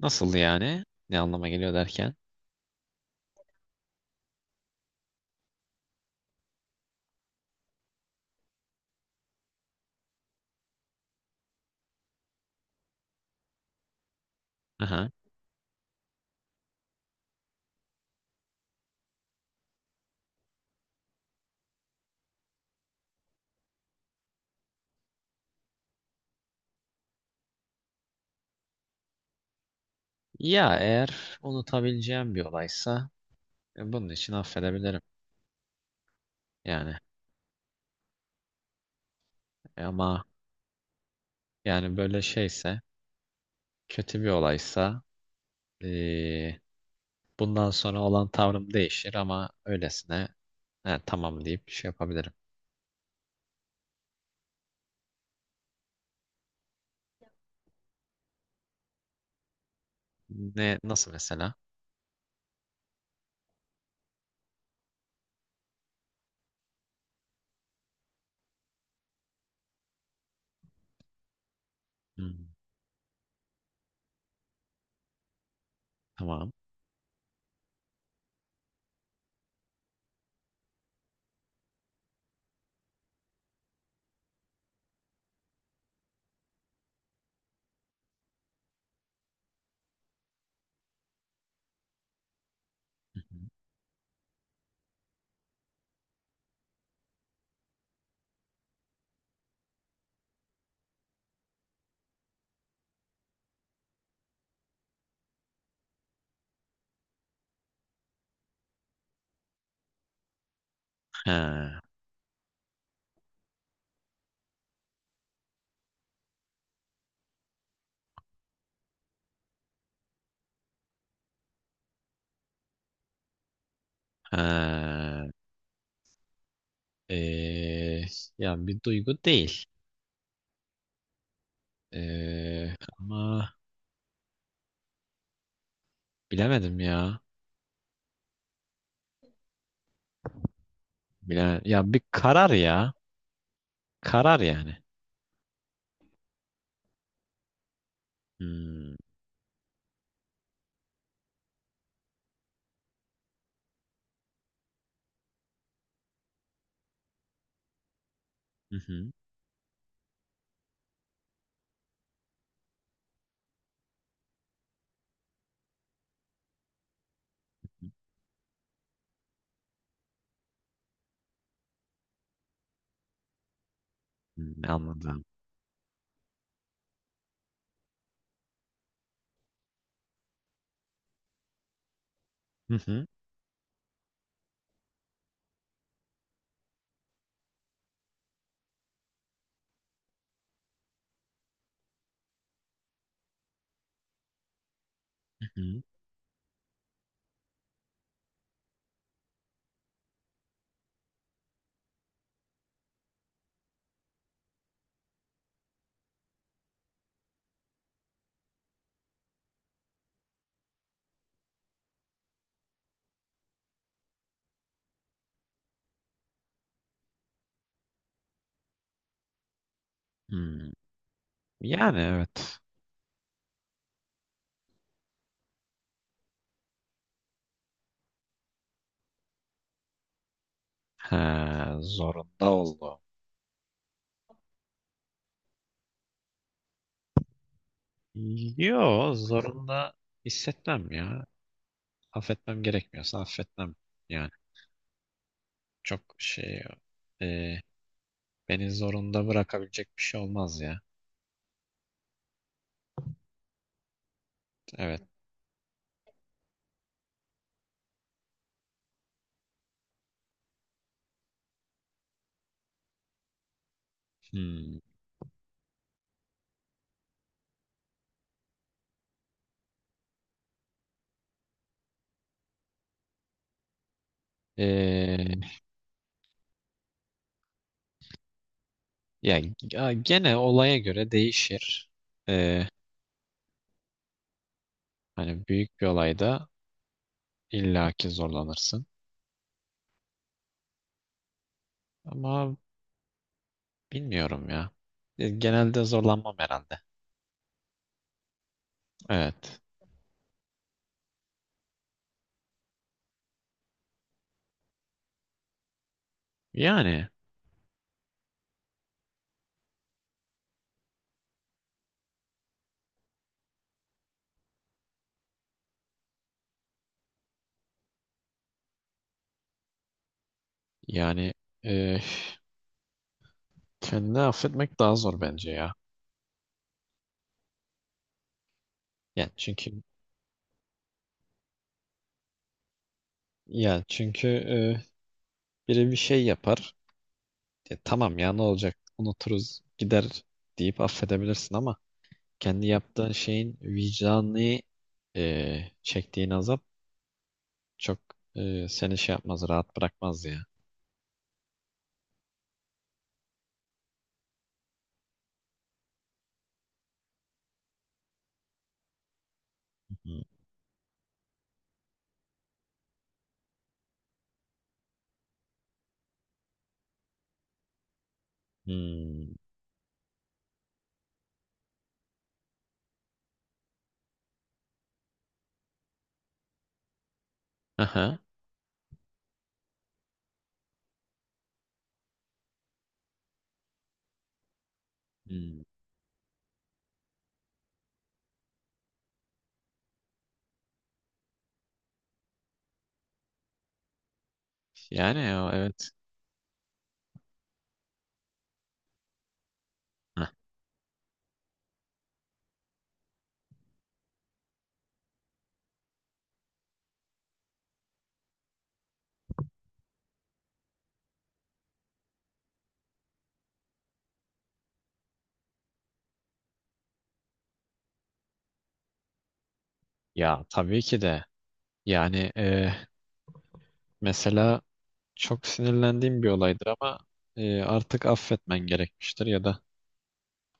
Nasıl yani? Ne anlama geliyor derken? Aha. Ya, eğer unutabileceğim bir olaysa bunun için affedebilirim. Yani. Ama yani böyle şeyse, kötü bir olaysa, e, bundan sonra olan tavrım değişir, ama öylesine "He, tamam" deyip şey yapabilirim. Ne nasıl mesela? Hmm, tamam. Hı hı. Ha, ha. E, Yani bir duygu değil. Ama bilemedim ya. Ya, bir karar ya. Karar yani. Hmm. Hı hı. Hmm, anladım. Hı hı. Hı hı. Hmm. Yani evet. Ha, zorunda oldu. Yo, zorunda hissetmem ya. Affetmem gerekmiyorsa affetmem. Yani çok şey, e, beni zorunda bırakabilecek bir şey olmaz ya. Evet. Hmm. E, Ya, ya gene olaya göre değişir. E, Hani büyük bir olayda İlla ki zorlanırsın. Ama bilmiyorum ya. Genelde zorlanmam herhalde. Evet. Yani yani e, kendini affetmek daha zor bence ya. Yani çünkü, ya çünkü biri bir şey yapar. Tamam ya, ne olacak? Unuturuz, gider deyip affedebilirsin, ama kendi yaptığın şeyin vicdanı, çektiğin azap çok, seni şey yapmaz, rahat bırakmaz ya. Hı. Hmm. Aha. Hmm. Yani, ya, evet. Heh. Ya, tabii ki de. Yani mesela çok sinirlendiğim bir olaydır, ama artık affetmen gerekmiştir, ya da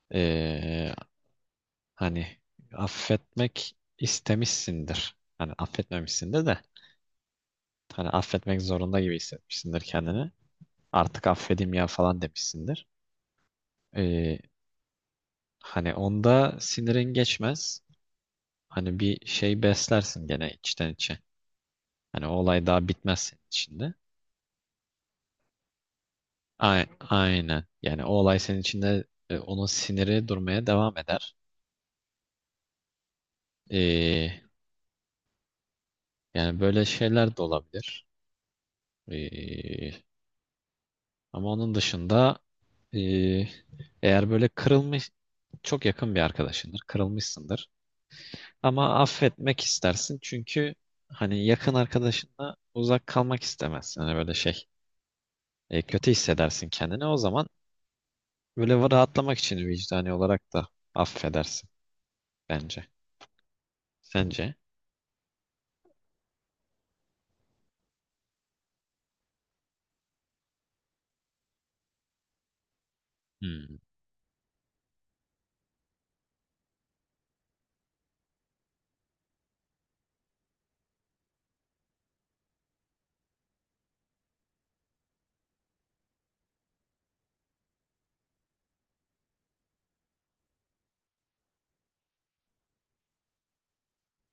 e, hani affetmek istemişsindir. Hani affetmemişsindir de hani affetmek zorunda gibi hissetmişsindir kendini. Artık affedeyim ya falan demişsindir. E, Hani onda sinirin geçmez. Hani bir şey beslersin gene içten içe. Hani o olay daha bitmez senin içinde. Aynen. Yani o olay senin içinde, onun siniri durmaya devam eder. Ee, Yani böyle şeyler de olabilir. Ee, Ama onun dışında, e, eğer böyle kırılmış çok yakın bir arkadaşındır, kırılmışsındır. Ama affetmek istersin çünkü hani yakın arkadaşınla uzak kalmak istemezsin. Hani böyle şey, kötü hissedersin kendini. O zaman böyle rahatlamak için vicdani olarak da affedersin bence. Sence? Hmm.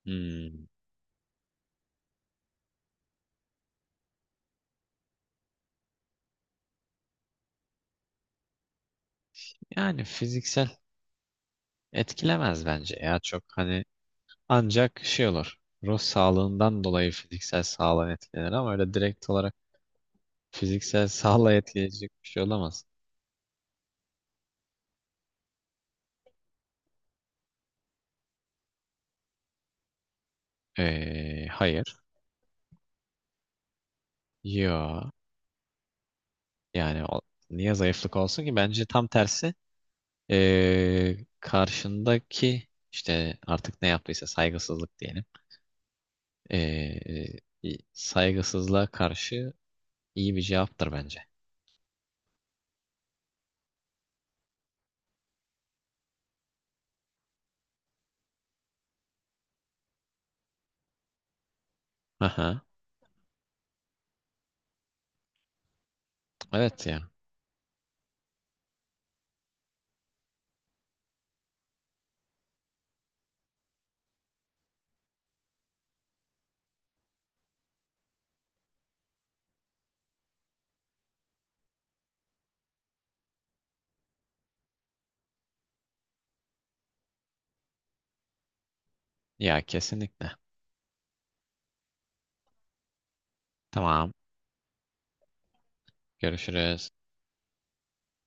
Hmm. Yani fiziksel etkilemez bence ya, çok hani ancak şey olur. Ruh sağlığından dolayı fiziksel sağlığa etkilenir, ama öyle direkt olarak fiziksel sağlığa etkileyecek bir şey olamaz. Hayır. Yo. Yani niye zayıflık olsun ki? Bence tam tersi. Karşındaki işte artık ne yaptıysa saygısızlık diyelim. Ee, Saygısızlığa karşı iyi bir cevaptır bence. Aha. Evet ya. Ya kesinlikle. Tamam. Görüşürüz.